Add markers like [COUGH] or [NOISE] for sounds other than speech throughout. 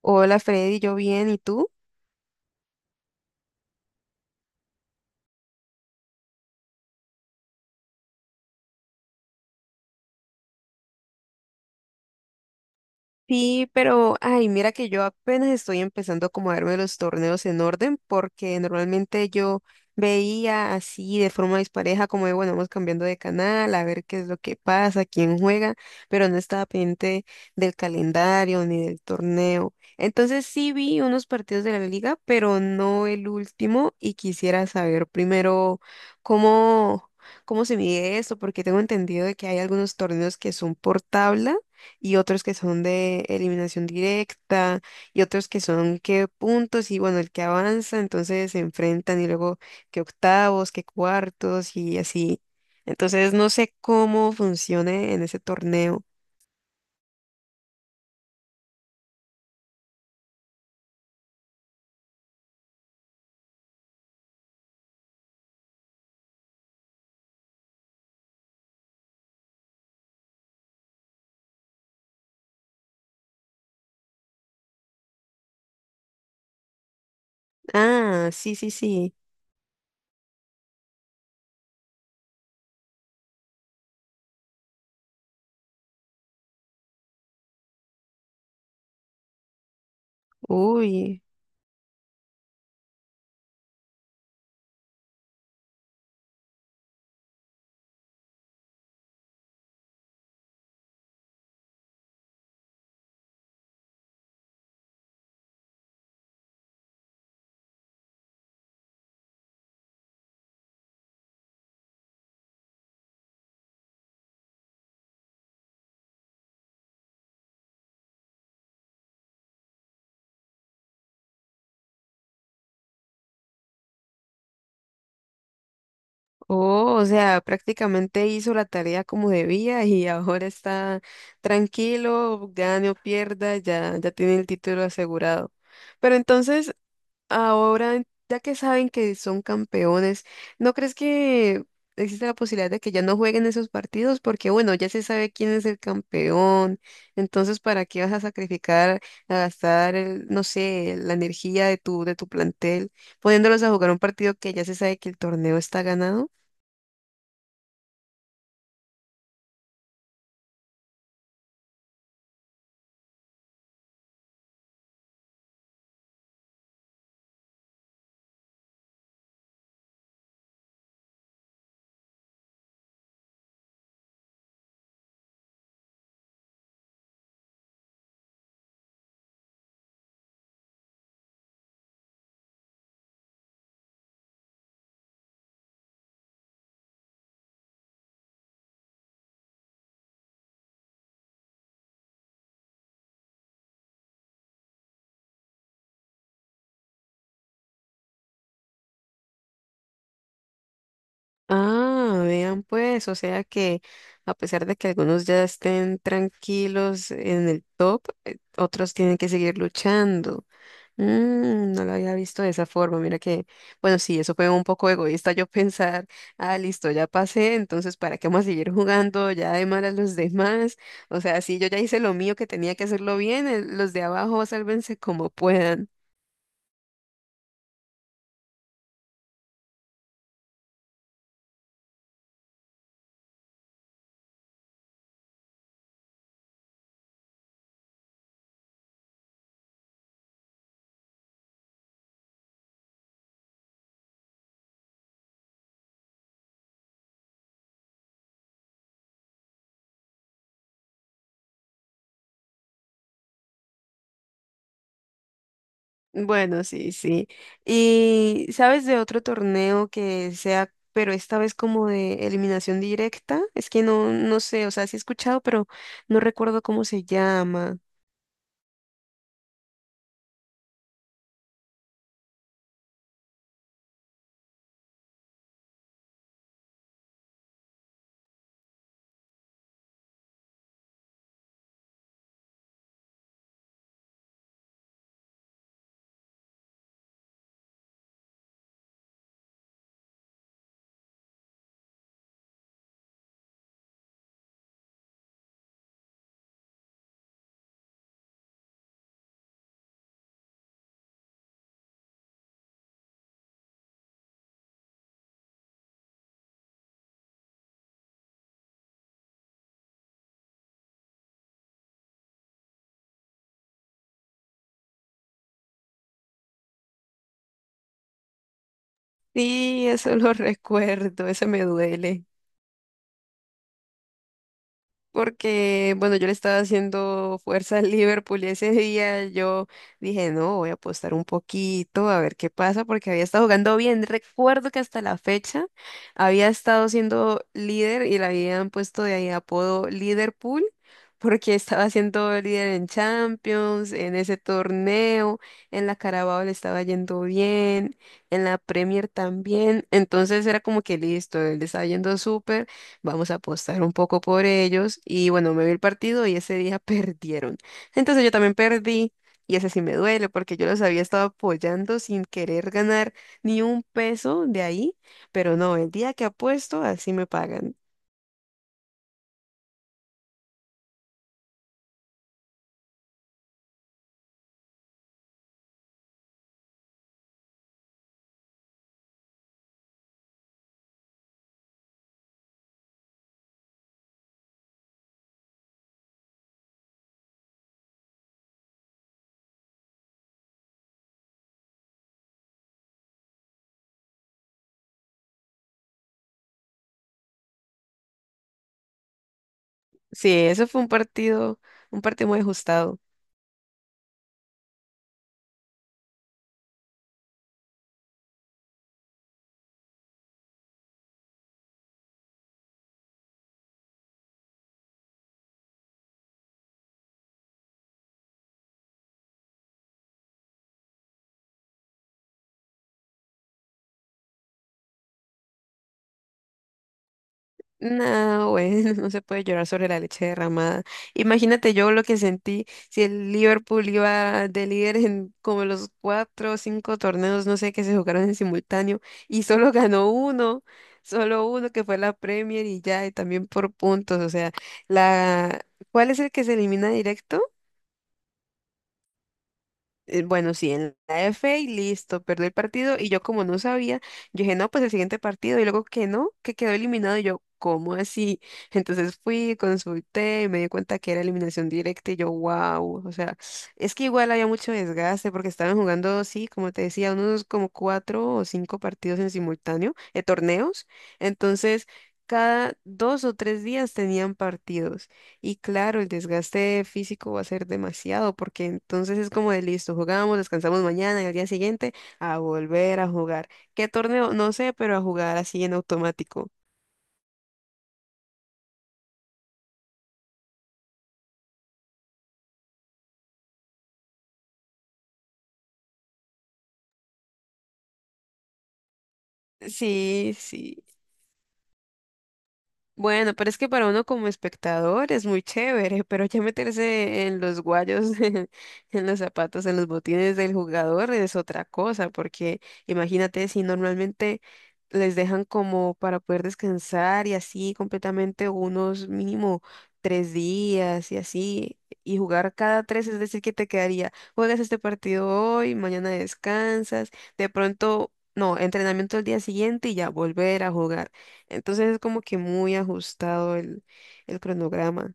Hola Freddy, yo bien, ¿y tú? Sí, pero, ay, mira que yo apenas estoy empezando a darme los torneos en orden, porque normalmente yo veía así de forma dispareja, como de, bueno, vamos cambiando de canal, a ver qué es lo que pasa, quién juega, pero no estaba pendiente del calendario ni del torneo. Entonces sí vi unos partidos de la liga, pero no el último, y quisiera saber primero cómo, cómo se mide esto, porque tengo entendido de que hay algunos torneos que son portables y otros que son de eliminación directa, y otros que son que puntos, y bueno, el que avanza, entonces se enfrentan, y luego que octavos, que cuartos, y así. Entonces no sé cómo funcione en ese torneo. Ah, sí, sí, sí. Uy. Oh, o sea, prácticamente hizo la tarea como debía [LAUGHS] y ahora está tranquilo, gane o pierda, ya, ya tiene el título asegurado. Pero entonces, ahora, ya que saben que son campeones, ¿no crees que existe la posibilidad de que ya no jueguen esos partidos? Porque bueno, ya se sabe quién es el campeón, entonces ¿para qué vas a sacrificar, a gastar, no sé, la energía de tu plantel, poniéndolos a jugar un partido que ya se sabe que el torneo está ganado? Ah, vean pues, o sea que a pesar de que algunos ya estén tranquilos en el top, otros tienen que seguir luchando. No lo había visto de esa forma. Mira que, bueno, sí, eso fue un poco egoísta yo [LAUGHS] pensar, ah, listo, ya pasé, entonces, ¿para qué vamos a seguir jugando ya de mal a los demás? O sea, sí, yo ya hice lo mío que tenía que hacerlo bien, los de abajo sálvense como puedan. Bueno, sí, sí. ¿Y sabes de otro torneo que sea, pero esta vez como de eliminación directa? Es que no, no sé, o sea, sí he escuchado, pero no recuerdo cómo se llama. Sí, eso lo [LAUGHS] recuerdo, eso me duele porque, bueno, yo le estaba haciendo fuerza al Liverpool y ese día yo dije, no, voy a apostar un poquito a ver qué pasa, porque había estado jugando bien. Recuerdo que hasta la fecha había estado siendo líder y le habían puesto de ahí apodo Liverpool, porque estaba siendo líder en Champions, en ese torneo, en la Carabao le estaba yendo bien, en la Premier también. Entonces era como que listo, le estaba yendo súper. Vamos a apostar un poco por ellos. Y bueno, me vi el partido y ese día [LAUGHS] perdieron. Entonces yo también perdí y ese sí me duele porque yo los había estado apoyando sin querer ganar ni un peso de ahí. Pero no, el día que apuesto, así me pagan. Sí, eso fue un partido muy ajustado. No, güey, [LAUGHS] no se puede llorar sobre la leche derramada. Imagínate yo lo que sentí si el Liverpool iba de líder en como los cuatro o cinco torneos, no sé, que se jugaron en simultáneo y solo [LAUGHS] ganó uno, solo uno que fue la Premier y ya, y también por puntos. O sea, la, ¿cuál es el que se elimina directo? Bueno, sí, en la F y listo, perdió el partido y yo como no sabía, yo dije, no, pues el siguiente partido y luego que no, que quedó eliminado y yo, ¿cómo así? [LAUGHS] Entonces fui, consulté y me di cuenta que era eliminación directa y yo, wow, o sea, es que igual había mucho desgaste porque estaban jugando, sí, como te decía, unos como cuatro o cinco partidos en simultáneo, torneos, entonces cada dos o tres días tenían partidos. Y claro, el desgaste físico va a ser demasiado, porque entonces es como de listo, jugamos, descansamos mañana y al día siguiente a volver a jugar. ¿Qué torneo? No sé, pero a jugar así en automático. Sí, sí. Bueno, pero es que para uno como espectador es muy chévere, pero ya meterse en los guayos, [LAUGHS] en los zapatos, en los botines del jugador es otra cosa, porque imagínate si normalmente les dejan como para poder descansar y así completamente unos mínimo tres días y así, y jugar cada tres, es decir, que te quedaría, juegas este partido hoy, mañana descansas, de pronto, no, entrenamiento el día siguiente y ya volver a jugar. Entonces es como que muy ajustado el cronograma.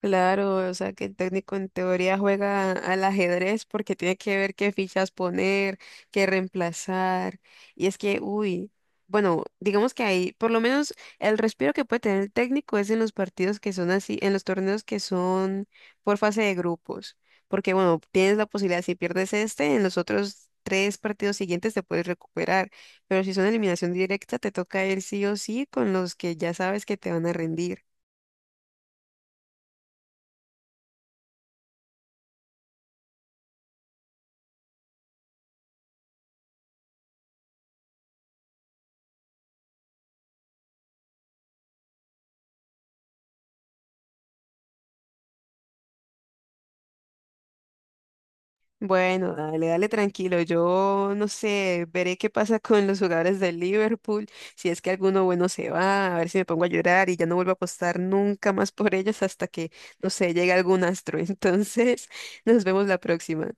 Claro, o sea que el técnico en teoría juega al ajedrez porque tiene que ver qué fichas poner, qué reemplazar. Y es que, uy, bueno, digamos que ahí, por lo menos el respiro que puede tener el técnico es en los partidos que son así, en los torneos que son por fase de grupos. Porque, bueno, tienes la posibilidad, si pierdes este, en los otros tres partidos siguientes te puedes recuperar. Pero si son eliminación directa, te toca ir sí o sí con los que ya sabes que te van a rendir. Bueno, dale, dale tranquilo. Yo no sé, veré qué pasa con los jugadores del Liverpool, si es que alguno bueno se va, a ver si me pongo a llorar y ya no vuelvo a apostar nunca más por ellos hasta que, no sé, llegue algún astro. [LAUGHS] Entonces, nos vemos la próxima.